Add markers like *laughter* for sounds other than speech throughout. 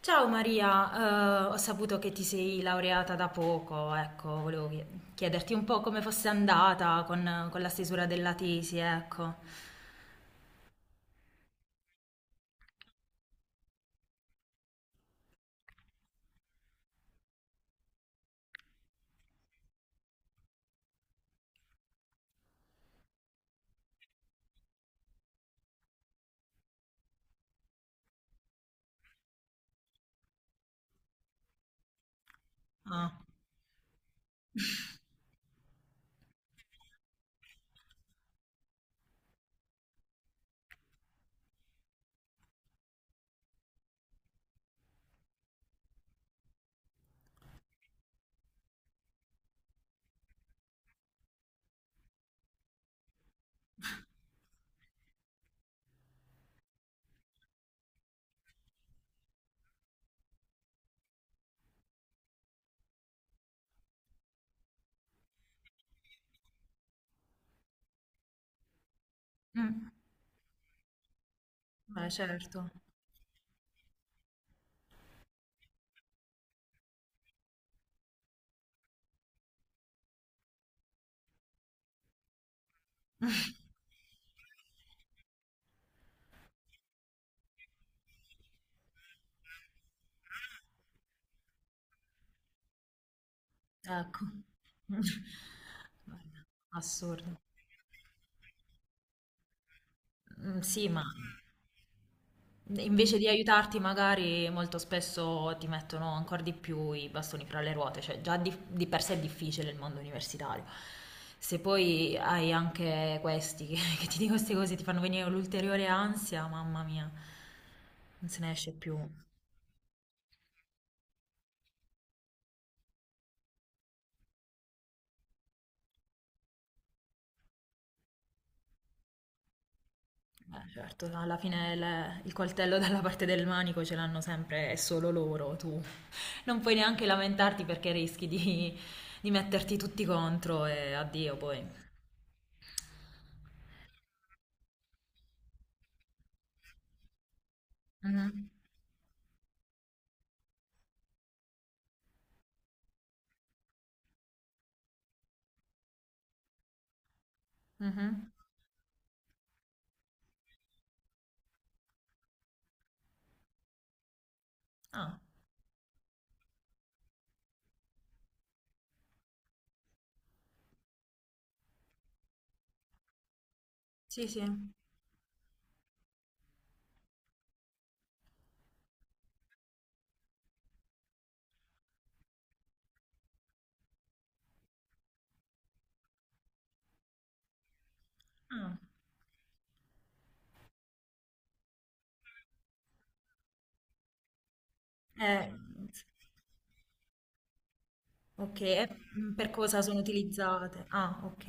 Ciao Maria, ho saputo che ti sei laureata da poco, ecco, volevo chiederti un po' come fosse andata con la stesura della tesi, ecco. Ah, mm, beh, certo, ecco. *laughs* Guarda. Assurdo. Mm. Sì, ma invece di aiutarti, magari molto spesso ti mettono ancora di più i bastoni fra le ruote, cioè già di per sé è difficile il mondo universitario. Se poi hai anche questi che, *laughs* che ti dicono queste cose, ti fanno venire l'ulteriore ansia, mamma mia, non se ne esce più. Certo, alla fine il coltello dalla parte del manico ce l'hanno sempre, è solo loro, tu non puoi neanche lamentarti perché rischi di metterti tutti contro e addio poi. Mhm, mhm. Ah, sì, sì. Ah. Eh, ok, e per cosa sono utilizzate? Ah, ok.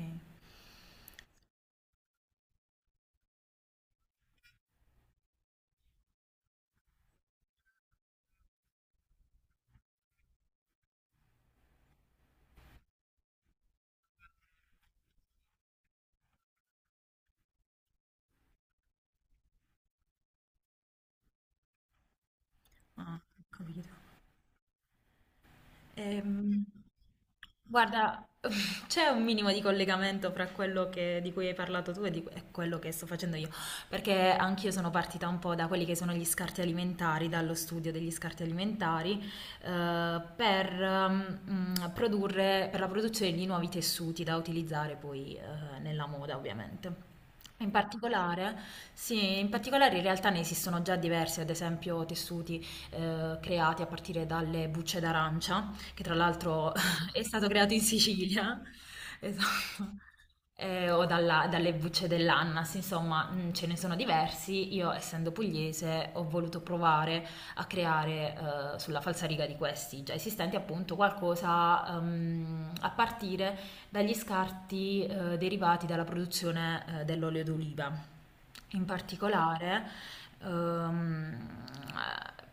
Ah, ho capito. Ehm, guarda, *laughs* c'è un minimo di collegamento fra di cui hai parlato tu e quello che sto facendo io, perché anch'io sono partita un po' da quelli che sono gli scarti alimentari, dallo studio degli scarti alimentari, per la produzione di nuovi tessuti da utilizzare poi, nella moda, ovviamente. In particolare, sì, in particolare in realtà ne esistono già diversi, ad esempio tessuti creati a partire dalle bucce d'arancia, che tra l'altro *laughs* è stato creato in Sicilia, *laughs* esatto, o dalle bucce dell'annas, insomma, ce ne sono diversi. Io, essendo pugliese, ho voluto provare a creare sulla falsariga di questi già esistenti appunto qualcosa a partire dagli scarti derivati dalla produzione dell'olio d'oliva. In particolare, ehm,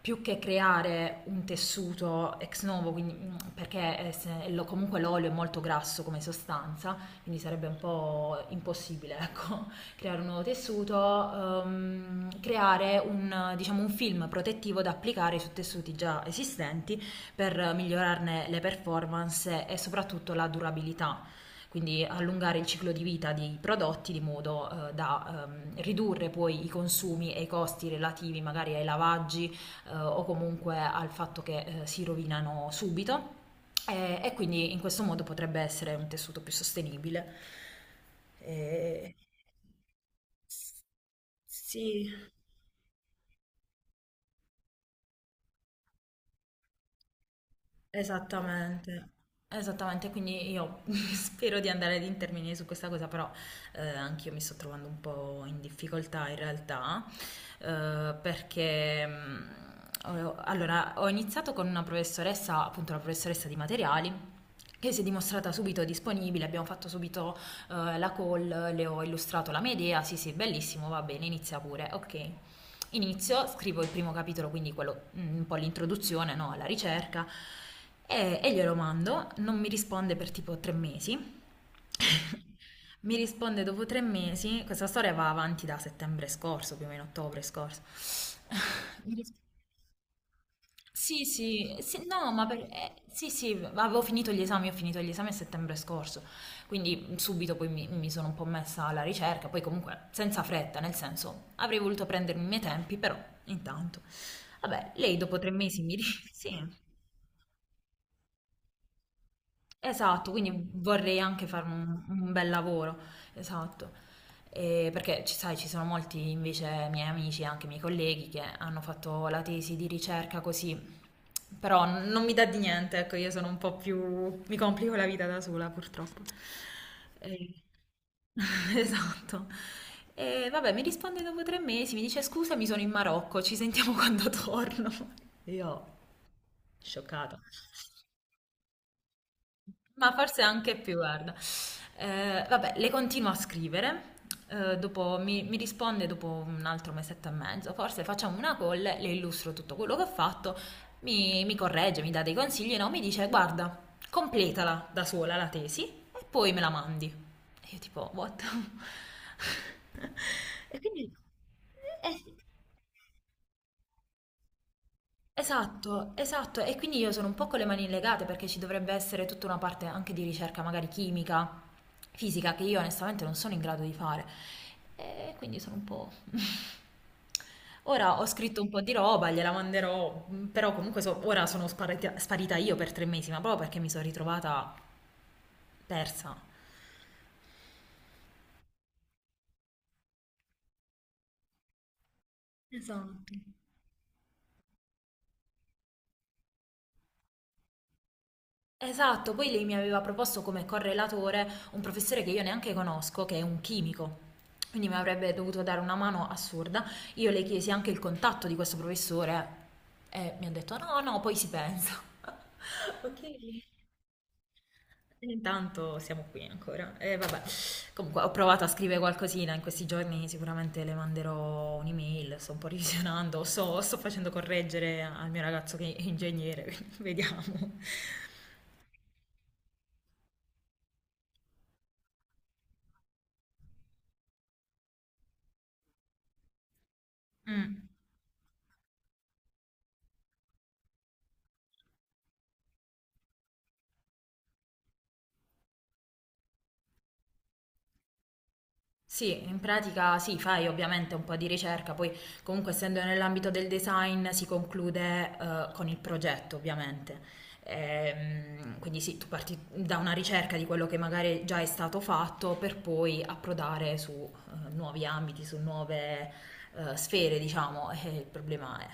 più che creare un tessuto ex novo, quindi, perché è se- lo- comunque l'olio è molto grasso come sostanza, quindi sarebbe un po' impossibile, *laughs* ecco, creare un nuovo tessuto, creare un, diciamo, un film protettivo da applicare su tessuti già esistenti per migliorarne le performance e soprattutto la durabilità, quindi allungare il ciclo di vita dei prodotti di modo da ridurre poi i consumi e i costi relativi magari ai lavaggi o comunque al fatto che si rovinano subito e, quindi in questo modo potrebbe essere un tessuto più sostenibile. E- Sì. Esattamente, esattamente, quindi io *laughs* spero di andare ad intervenire su questa cosa, però anch'io mi sto trovando un po' in difficoltà in realtà, perché allora, ho iniziato con una professoressa, appunto la professoressa di materiali, che si è dimostrata subito disponibile, abbiamo fatto subito la call, le ho illustrato la mia idea, sì sì, bellissimo, va bene, inizia pure, ok. Inizio, scrivo il primo capitolo, quindi quello, un po' l'introduzione, no, alla ricerca, e, glielo mando, non mi risponde per tipo 3 mesi. *laughs* Mi risponde dopo 3 mesi, questa storia va avanti da settembre scorso, più o meno ottobre scorso. *laughs* Mi risponde. Sì, sì, sì, no, ma sì, sì, avevo finito gli esami, ho finito gli esami a settembre scorso, quindi subito poi mi, sono un po' messa alla ricerca, poi comunque senza fretta, nel senso avrei voluto prendermi i miei tempi, però intanto. Vabbè, lei dopo 3 mesi mi dice, *laughs* sì. Esatto, quindi vorrei anche fare un bel lavoro, esatto. E perché ci sai, ci sono molti invece miei amici e anche miei colleghi che hanno fatto la tesi di ricerca così, però non mi dà di niente, ecco, io sono un po' più... mi complico la vita da sola purtroppo. E- *laughs* Esatto. E vabbè, mi risponde dopo tre mesi, mi dice scusa, mi sono in Marocco, ci sentiamo *laughs* quando torno. Io, scioccata. Ma forse anche più, guarda. Vabbè, le continuo a scrivere, dopo mi, risponde dopo un altro mesetto e mezzo, forse facciamo una call, le illustro tutto quello che ho fatto, mi corregge, mi dà dei consigli, no? Mi dice, guarda, completala da sola la tesi e poi me la mandi. E io tipo, what? *laughs* E quindi... eh, Esatto, esatto, e quindi io sono un po' con le mani legate perché ci dovrebbe essere tutta una parte anche di ricerca, magari chimica, fisica, che io onestamente non sono in grado di fare. E quindi sono un po'... *laughs* Ora ho scritto un po' di roba, gliela manderò, però comunque ora sono sparita, sparita io per 3 mesi, ma proprio perché mi sono ritrovata persa. Esatto. Esatto, poi lei mi aveva proposto come correlatore un professore che io neanche conosco, che è un chimico. Quindi mi avrebbe dovuto dare una mano assurda. Io le chiesi anche il contatto di questo professore e mi ha detto no, no, poi si pensa. *laughs* Ok. E intanto siamo qui ancora. E vabbè, comunque ho provato a scrivere qualcosina in questi giorni, sicuramente le manderò un'email, sto un po' revisionando, sto facendo correggere al mio ragazzo che è ingegnere, *laughs* quindi vediamo. Mm. Sì, in pratica sì, fai ovviamente un po' di ricerca, poi comunque essendo nell'ambito del design si conclude con il progetto ovviamente. Quindi sì, tu parti da una ricerca di quello che magari già è stato fatto per poi approdare su nuovi ambiti, su nuove sfere, diciamo, e il problema è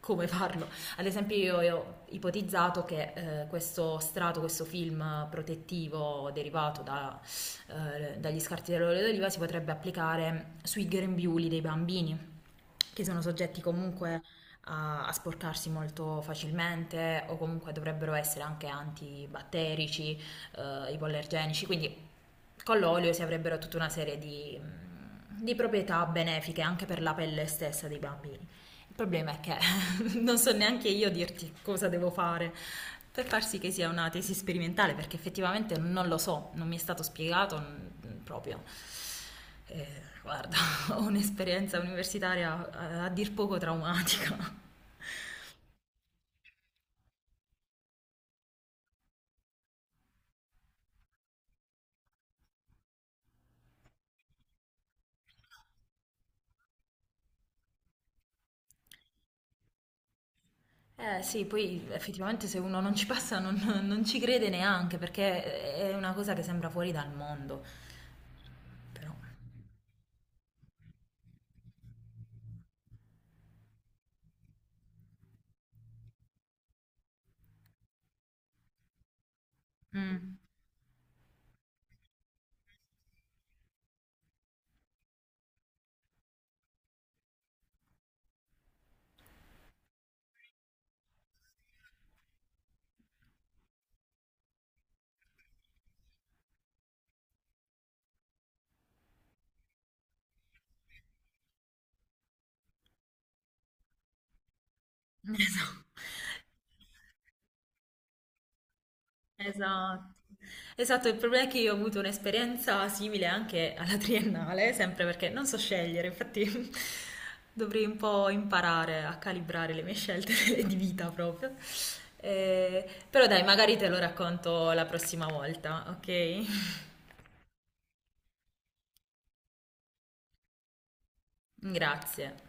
come farlo. Ad esempio io, ho ipotizzato che questo strato, questo film protettivo derivato da dagli scarti dell'olio d'oliva si potrebbe applicare sui grembiuli dei bambini, che sono soggetti comunque a, sporcarsi molto facilmente o comunque dovrebbero essere anche antibatterici, ipoallergenici, quindi con l'olio si avrebbero tutta una serie di proprietà benefiche anche per la pelle stessa dei bambini. Il problema è che *laughs* non so neanche io dirti cosa devo fare per far sì che sia una tesi sperimentale, perché effettivamente non lo so, non mi è stato spiegato proprio. Guarda, *laughs* ho un'esperienza universitaria a, dir poco traumatica. Eh sì, poi effettivamente se uno non ci passa non ci crede neanche, perché è una cosa che sembra fuori dal mondo. Però. Mh. Esa *laughs* Esatto. Esatto, il problema è che io ho avuto un'esperienza simile anche alla triennale, sempre perché non so scegliere, infatti *laughs* dovrei un po' imparare a calibrare le mie scelte *laughs* di vita proprio. Ehm, però dai, magari te lo racconto la prossima volta, ok? *laughs* Grazie.